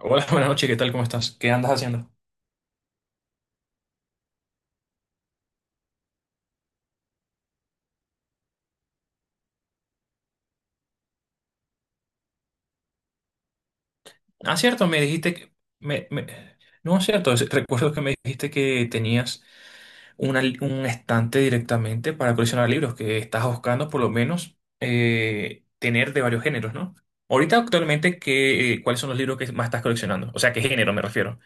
Hola, buenas noches, ¿qué tal? ¿Cómo estás? ¿Qué andas haciendo? Ah, cierto, me dijiste que. Me, me- No, es cierto, recuerdo que me dijiste que tenías un estante directamente para coleccionar libros, que estás buscando por lo menos tener de varios géneros, ¿no? Ahorita actualmente, cuáles son los libros que más estás coleccionando? O sea, ¿qué género me refiero?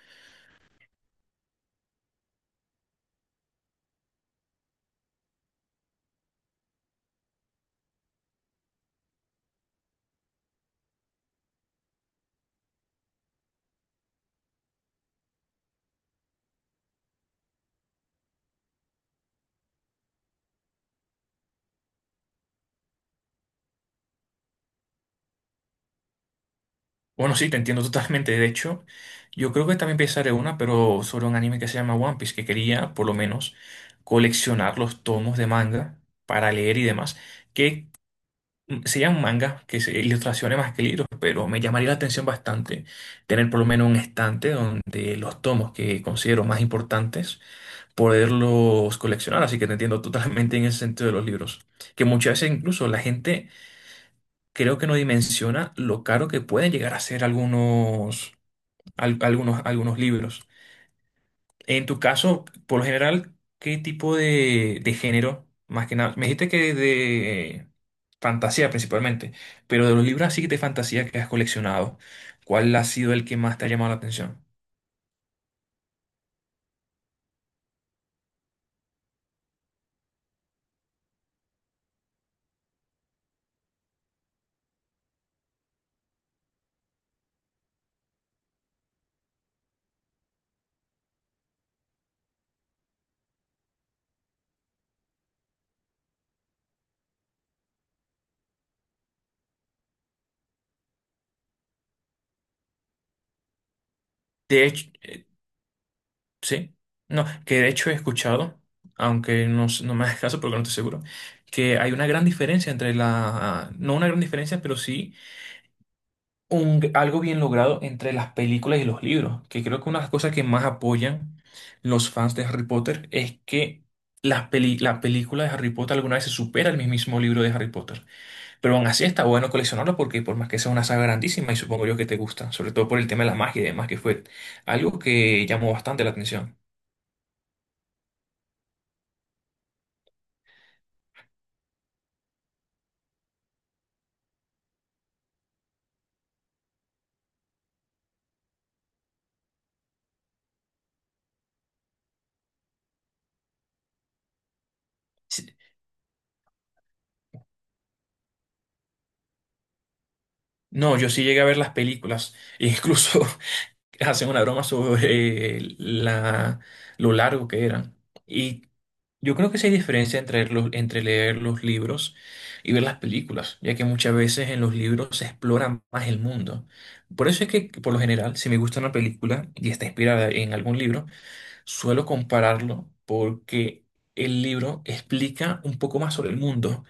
Bueno, sí, te entiendo totalmente. De hecho, yo creo que también pensaré una, pero sobre un anime que se llama One Piece, que quería por lo menos coleccionar los tomos de manga para leer y demás, que serían mangas, que se ilustraciones más que libros, pero me llamaría la atención bastante tener por lo menos un estante donde los tomos que considero más importantes, poderlos coleccionar. Así que te entiendo totalmente en ese sentido de los libros. Que muchas veces incluso la gente creo que no dimensiona lo caro que pueden llegar a ser algunos algunos libros. En tu caso, por lo general, ¿qué tipo de género? Más que nada, me dijiste que de fantasía principalmente, pero de los libros así de fantasía que has coleccionado, ¿cuál ha sido el que más te ha llamado la atención? De hecho, sí, no, que de hecho he escuchado, aunque no, no me hagas caso porque no estoy seguro, que hay una gran diferencia entre no una gran diferencia, pero sí algo bien logrado entre las películas y los libros, que creo que una de las cosas que más apoyan los fans de Harry Potter es que la película de Harry Potter alguna vez se supera el mismo libro de Harry Potter, pero aún así está bueno coleccionarlo porque por más que sea una saga grandísima y supongo yo que te gusta, sobre todo por el tema de la magia y demás, que fue algo que llamó bastante la atención. Sí. No, yo sí llegué a ver las películas, e incluso hacen una broma sobre lo largo que eran. Y yo creo que sí hay diferencia entre leer los libros y ver las películas, ya que muchas veces en los libros se explora más el mundo. Por eso es que, por lo general, si me gusta una película y está inspirada en algún libro, suelo compararlo porque el libro explica un poco más sobre el mundo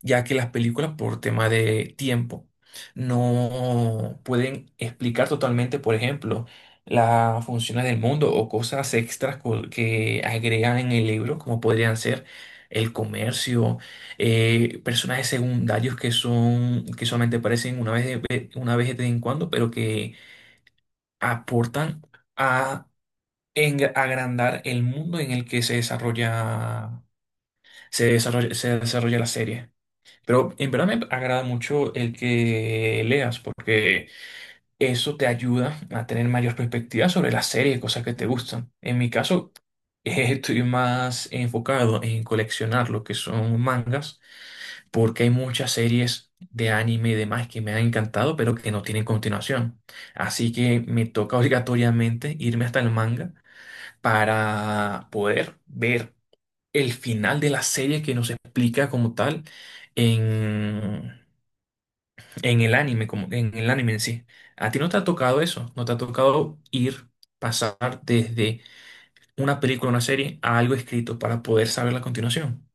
ya que las películas por tema de tiempo no pueden explicar totalmente, por ejemplo, las funciones del mundo o cosas extras que agregan en el libro, como podrían ser el comercio, personajes secundarios que son que solamente aparecen una vez de vez en cuando, pero que aportan a agrandar el mundo en el que se desarrolla la serie. Pero en verdad me agrada mucho el que leas porque eso te ayuda a tener mayor perspectiva sobre las series, cosas que te gustan. En mi caso, estoy más enfocado en coleccionar lo que son mangas porque hay muchas series de anime y demás que me han encantado pero que no tienen continuación. Así que me toca obligatoriamente irme hasta el manga para poder ver el final de la serie que nos explica como tal en en el anime, como en el anime en sí. ¿A ti no te ha tocado eso? ¿No te ha tocado ir, pasar desde una película, una serie, a algo escrito para poder saber la continuación?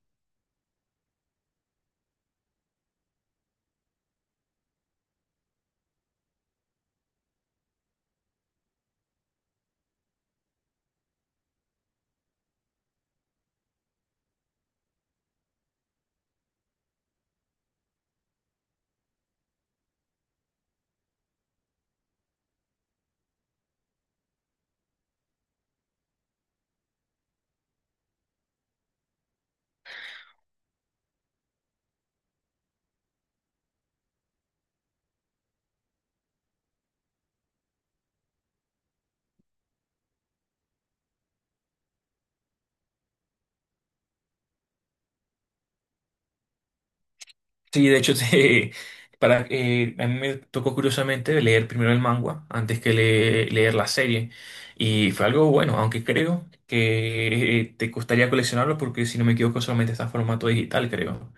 Sí, de hecho, a mí me tocó curiosamente leer primero el manga antes que leer la serie. Y fue algo bueno, aunque creo que te costaría coleccionarlo porque, si no me equivoco, solamente está en formato digital, creo.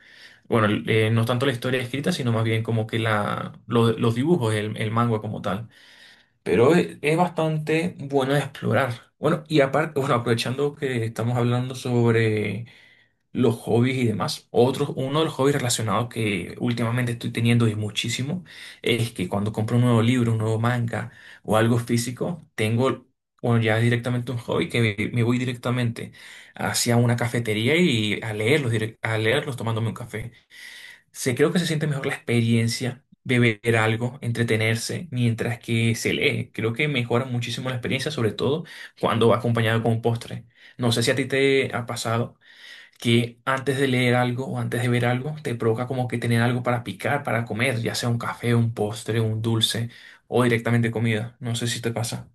Bueno, no tanto la historia escrita, sino más bien como que los dibujos, el manga como tal. Pero es bastante bueno de explorar. Bueno, y aparte, bueno, aprovechando que estamos hablando sobre los hobbies y demás, otro, uno de los hobbies relacionados que últimamente estoy teniendo y muchísimo es que cuando compro un nuevo libro, un nuevo manga o algo físico, tengo, bueno, ya es directamente un hobby que me voy directamente hacia una cafetería y a leerlos, a leerlos tomándome un café. Se creo que se siente mejor la experiencia, beber algo, entretenerse, mientras que se lee. Creo que mejora muchísimo la experiencia, sobre todo cuando va acompañado con un postre. No sé si a ti te ha pasado que antes de leer algo o antes de ver algo, te provoca como que tener algo para picar, para comer, ya sea un café, un postre, un dulce o directamente comida. No sé si te pasa.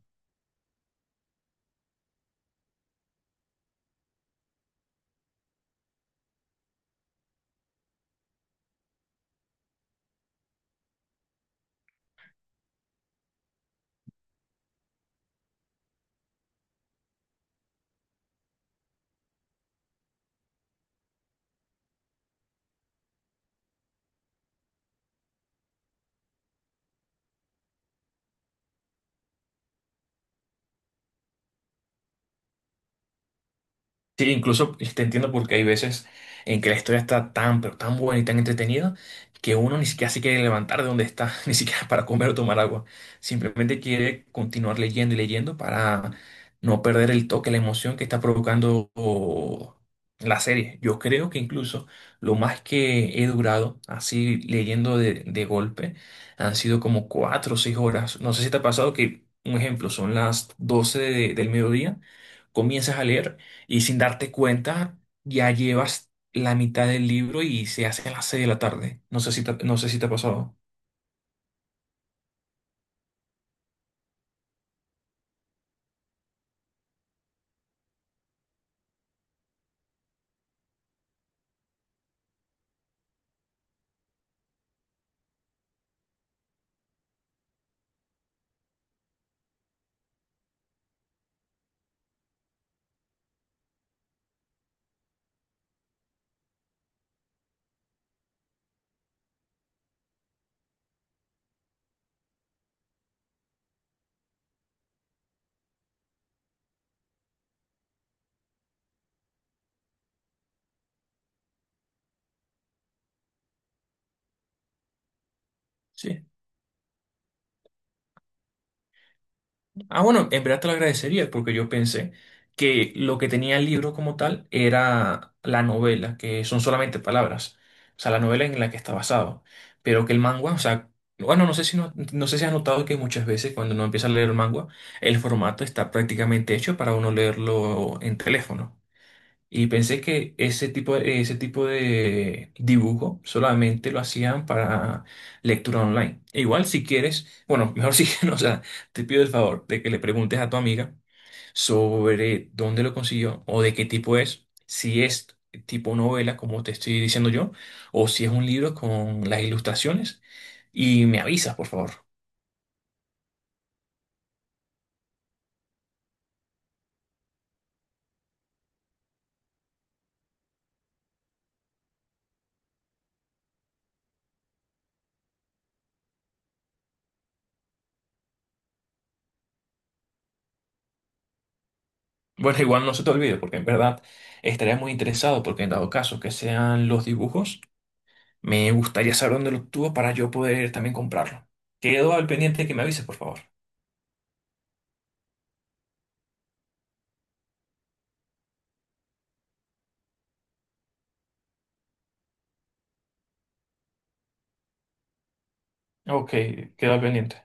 Sí, incluso te entiendo porque hay veces en que la historia está tan, pero tan buena y tan entretenida que uno ni siquiera se quiere levantar de donde está, ni siquiera para comer o tomar agua. Simplemente quiere continuar leyendo y leyendo para no perder el toque, la emoción que está provocando o, la serie. Yo creo que incluso lo más que he durado así leyendo de golpe han sido como 4 o 6 horas. No sé si te ha pasado que, un ejemplo, son las 12 del mediodía comienzas a leer y sin darte cuenta, ya llevas la mitad del libro y se hace a las 6 de la tarde. No sé si te ha pasado. Sí. Ah, bueno, en verdad te lo agradecería porque yo pensé que lo que tenía el libro como tal era la novela, que son solamente palabras. O sea, la novela en la que está basado. Pero que el manga, o sea, bueno, no sé si has notado que muchas veces cuando uno empieza a leer el manga, el formato está prácticamente hecho para uno leerlo en teléfono. Y pensé que ese tipo de dibujo solamente lo hacían para lectura online. E igual si quieres, bueno, mejor si no, o sea, te pido el favor de que le preguntes a tu amiga sobre dónde lo consiguió o de qué tipo es, si es tipo novela, como te estoy diciendo yo, o si es un libro con las ilustraciones, y me avisas, por favor. Bueno, igual no se te olvide, porque en verdad estaría muy interesado, porque en dado caso que sean los dibujos, me gustaría saber dónde lo obtuvo para yo poder también comprarlo. Quedo al pendiente de que me avises, por favor. Ok, queda pendiente.